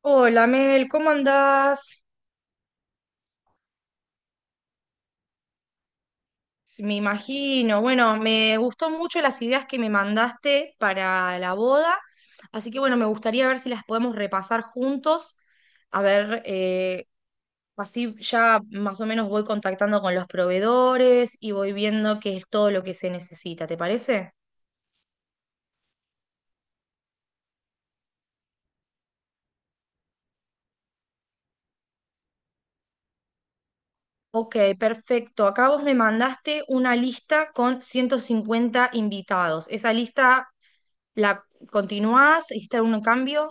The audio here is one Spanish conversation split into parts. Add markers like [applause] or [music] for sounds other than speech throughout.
Hola Mel, ¿cómo andás? Sí, me imagino. Bueno, me gustó mucho las ideas que me mandaste para la boda, así que bueno, me gustaría ver si las podemos repasar juntos, a ver, así ya más o menos voy contactando con los proveedores y voy viendo qué es todo lo que se necesita, ¿te parece? Ok, perfecto. Acá vos me mandaste una lista con 150 invitados. ¿Esa lista la continuás? ¿Hiciste algún cambio?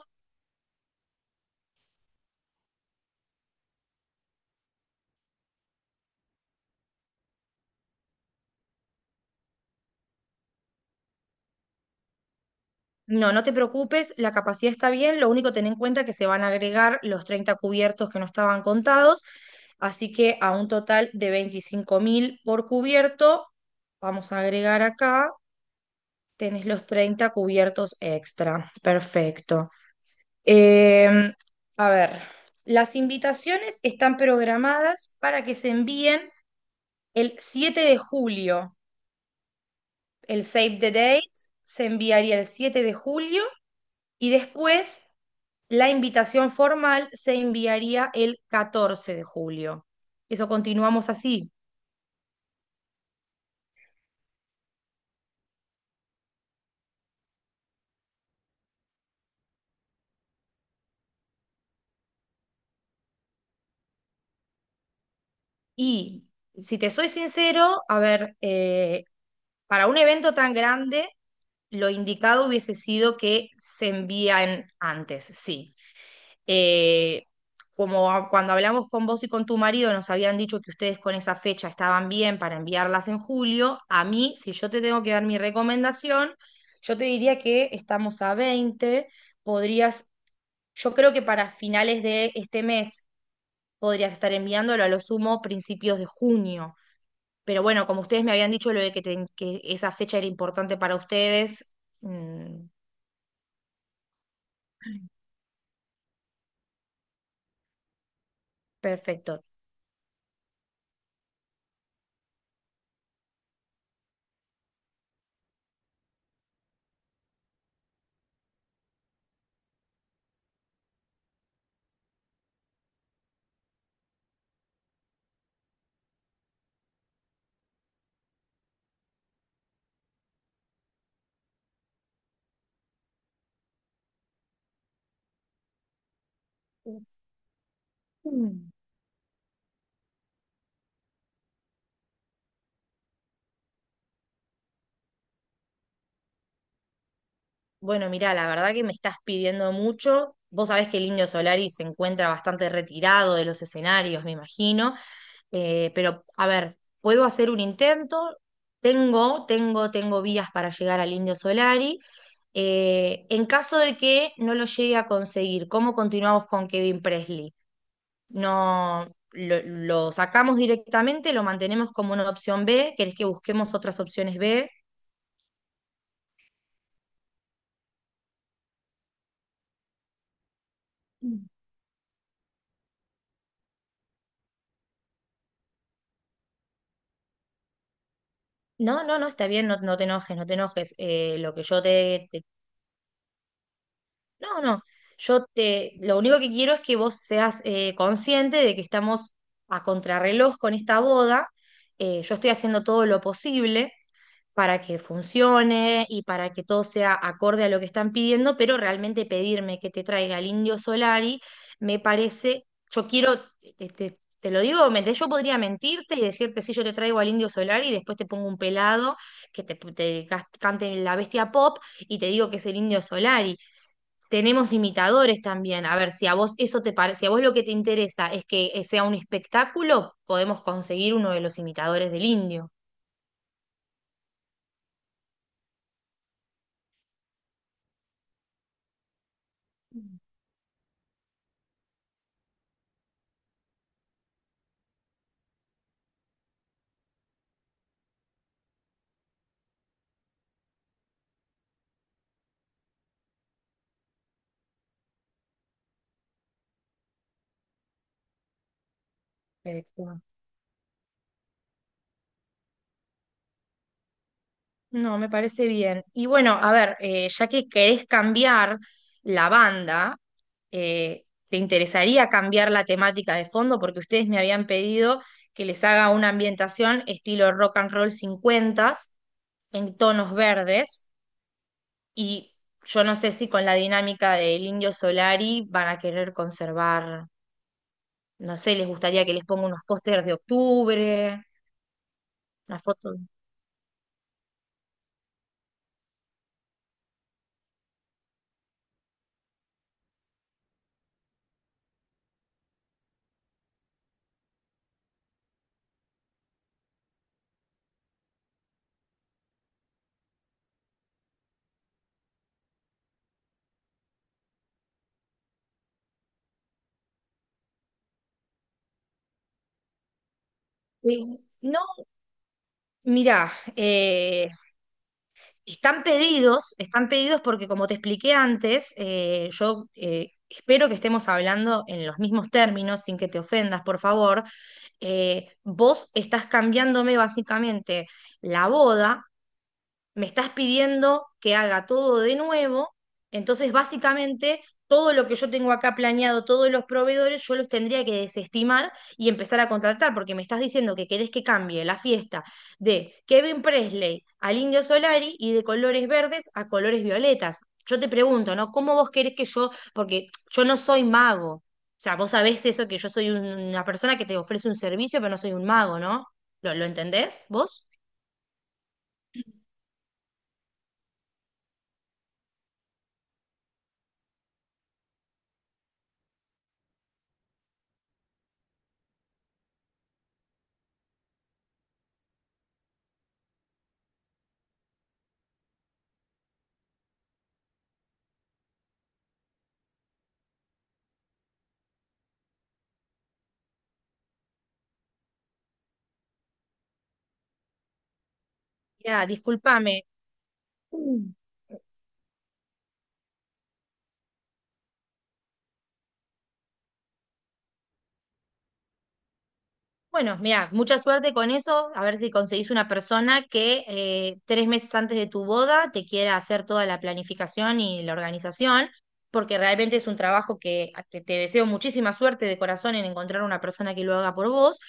No, no te preocupes, la capacidad está bien, lo único ten en cuenta que se van a agregar los 30 cubiertos que no estaban contados, así que a un total de 25.000 por cubierto, vamos a agregar acá, tenés los 30 cubiertos extra, perfecto. Em, a ver, las invitaciones están programadas para que se envíen el 7 de julio, el save the date se enviaría el 7 de julio y después... La invitación formal se enviaría el 14 de julio. Eso continuamos así. Y si te soy sincero, a ver, para un evento tan grande, lo indicado hubiese sido que se envían antes, sí. Eh, cuando hablamos con vos y con tu marido, nos habían dicho que ustedes con esa fecha estaban bien para enviarlas en julio, a mí, si yo te tengo que dar mi recomendación, yo te diría que estamos a 20. Podrías, yo creo que para finales de este mes podrías estar enviándolo a lo sumo principios de junio. Pero bueno, como ustedes me habían dicho lo de que, que esa fecha era importante para ustedes, mm, perfecto. Bueno, mira, la verdad que me estás pidiendo mucho. Vos sabés que el Indio Solari se encuentra bastante retirado de los escenarios, me imagino. Pero, a ver, puedo hacer un intento. Tengo vías para llegar al Indio Solari. En caso de que no lo llegue a conseguir, ¿cómo continuamos con Kevin Presley? No, lo sacamos directamente, lo mantenemos como una opción B. ¿Querés que busquemos otras opciones B? No, no, no, está bien, no, no te enojes, no te enojes. Lo que yo no, no, yo te... Lo único que quiero es que vos seas consciente de que estamos a contrarreloj con esta boda. Yo estoy haciendo todo lo posible para que funcione y para que todo sea acorde a lo que están pidiendo, pero realmente pedirme que te traiga el Indio Solari me parece, yo quiero, te lo digo, yo podría mentirte y decirte, si yo te traigo al Indio Solari y después te pongo un pelado que cante la bestia pop y te digo que es el Indio Solari. Tenemos imitadores también. A ver, si a vos eso te parece, si a vos lo que te interesa es que sea un espectáculo, podemos conseguir uno de los imitadores del Indio. No, me parece bien. Y bueno, a ver, ya que querés cambiar la banda, eh, ¿te interesaría cambiar la temática de fondo? Porque ustedes me habían pedido que les haga una ambientación estilo rock and roll 50 en tonos verdes y yo no sé si con la dinámica del Indio Solari van a querer conservar, no sé, les gustaría que les ponga unos pósters de octubre, una foto. Sí. No, mirá, están pedidos, están pedidos porque como te expliqué antes, yo espero que estemos hablando en los mismos términos, sin que te ofendas, por favor. Vos estás cambiándome básicamente la boda, me estás pidiendo que haga todo de nuevo, entonces básicamente todo lo que yo tengo acá planeado, todos los proveedores, yo los tendría que desestimar y empezar a contratar, porque me estás diciendo que querés que cambie la fiesta de Kevin Presley al Indio Solari y de colores verdes a colores violetas. Yo te pregunto, ¿no? ¿Cómo vos querés que yo, porque yo no soy mago? O sea, vos sabés eso, que yo soy una persona que te ofrece un servicio, pero no soy un mago, ¿no? ¿Lo entendés vos? Ya, discúlpame. Bueno, mira, mucha suerte con eso, a ver si conseguís una persona que 3 meses antes de tu boda te quiera hacer toda la planificación y la organización, porque realmente es un trabajo que ah, te deseo muchísima suerte de corazón en encontrar una persona que lo haga por vos.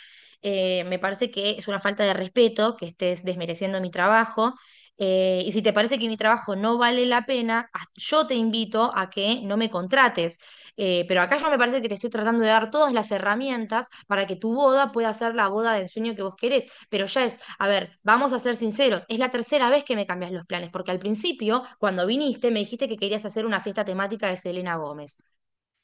Me parece que es una falta de respeto que estés desmereciendo mi trabajo. Y si te parece que mi trabajo no vale la pena, yo te invito a que no me contrates. Pero acá yo me parece que te estoy tratando de dar todas las herramientas para que tu boda pueda ser la boda de ensueño que vos querés. Pero ya es, a ver, vamos a ser sinceros, es la tercera vez que me cambias los planes, porque al principio, cuando viniste, me dijiste que querías hacer una fiesta temática de Selena Gómez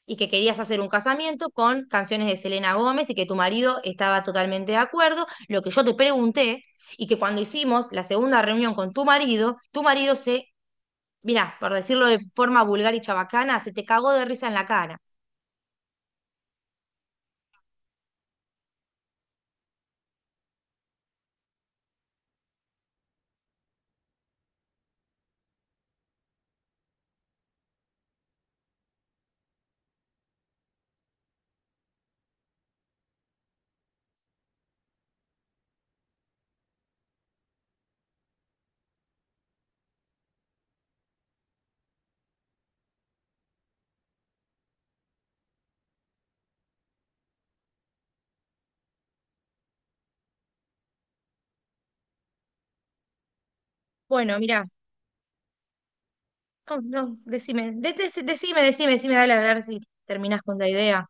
y que querías hacer un casamiento con canciones de Selena Gómez y que tu marido estaba totalmente de acuerdo. Lo que yo te pregunté y que cuando hicimos la segunda reunión con tu marido se, mira, por decirlo de forma vulgar y chabacana, se te cagó de risa en la cara. Bueno, mirá, no, no, decime, decime, decime, decime, dale a ver si terminás con la idea.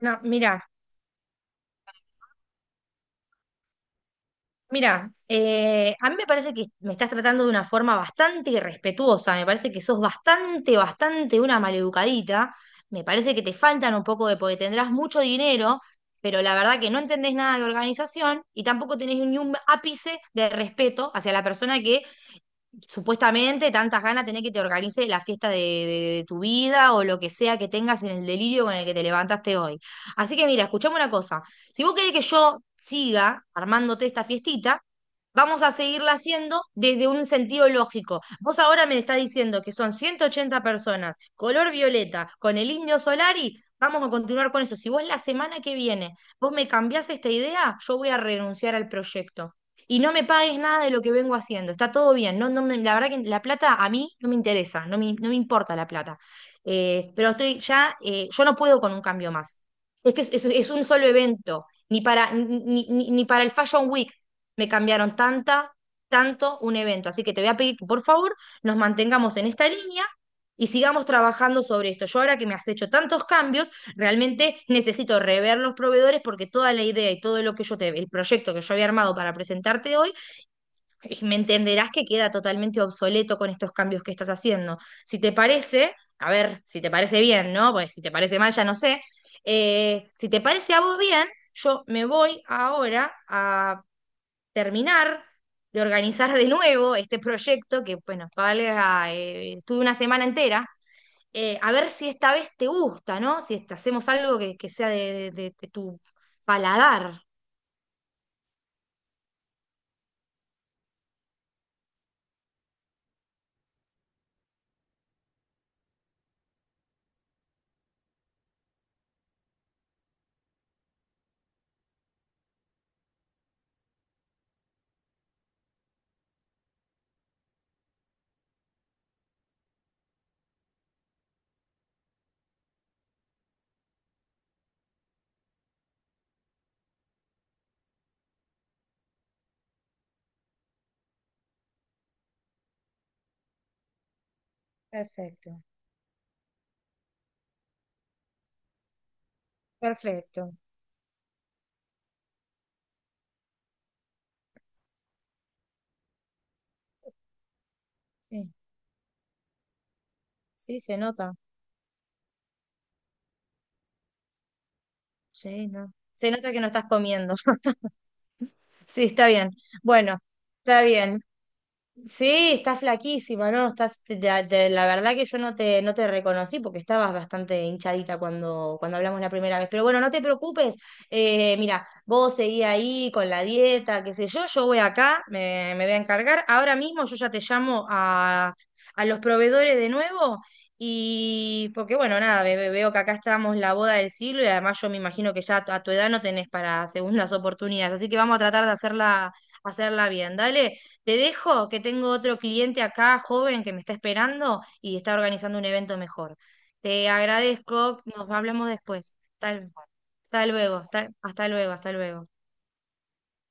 No, mira, mira, a mí me parece que me estás tratando de una forma bastante irrespetuosa, me parece que sos bastante una maleducadita, me parece que te faltan un poco de, porque tendrás mucho dinero, pero la verdad que no entendés nada de organización y tampoco tenés ni un ápice de respeto hacia la persona que supuestamente tantas ganas tenés que te organice la fiesta de, tu vida o lo que sea que tengas en el delirio con el que te levantaste hoy. Así que mira, escuchame una cosa. Si vos querés que yo siga armándote esta fiestita, vamos a seguirla haciendo desde un sentido lógico. Vos ahora me estás diciendo que son 180 personas, color violeta, con el indio Solari. Vamos a continuar con eso. Si vos la semana que viene vos me cambiás esta idea, yo voy a renunciar al proyecto y no me pagues nada de lo que vengo haciendo. Está todo bien. No, la verdad que la plata a mí no me interesa, no me importa la plata. Pero estoy ya, yo no puedo con un cambio más. Este es, es un solo evento. Ni para, ni, ni para el Fashion Week me cambiaron tanto un evento. Así que te voy a pedir que por favor nos mantengamos en esta línea y sigamos trabajando sobre esto. Yo ahora que me has hecho tantos cambios, realmente necesito rever los proveedores porque toda la idea y todo lo que yo te, el proyecto que yo había armado para presentarte hoy, me entenderás que queda totalmente obsoleto con estos cambios que estás haciendo. Si te parece, a ver, si te parece bien, ¿no? Pues si te parece mal, ya no sé. Si te parece a vos bien, yo me voy ahora a terminar de organizar de nuevo este proyecto que, bueno, valga, estuve una semana entera a ver si esta vez te gusta, ¿no? Si hacemos algo que, de tu paladar. Perfecto, perfecto. Sí, sí, se nota. Sí, no. Se nota que no estás comiendo. [laughs] Sí, está bien. Bueno, está bien. Sí, estás flaquísima, ¿no? Estás, la verdad que yo no te, no te reconocí porque estabas bastante hinchadita cuando, cuando hablamos la primera vez. Pero bueno, no te preocupes. Vos seguí ahí con la dieta, qué sé yo. Yo voy acá, me voy a encargar. Ahora mismo yo ya te llamo a los proveedores de nuevo. Y porque bueno, nada, veo que acá estamos la boda del siglo y además yo me imagino que ya a tu edad no tenés para segundas [laughs] oportunidades. Así que vamos a tratar de hacerla, hacerla bien, dale. Te dejo que tengo otro cliente acá, joven, que me está esperando y está organizando un evento mejor. Te agradezco, nos hablamos después. Tal, hasta luego, hasta luego, hasta luego.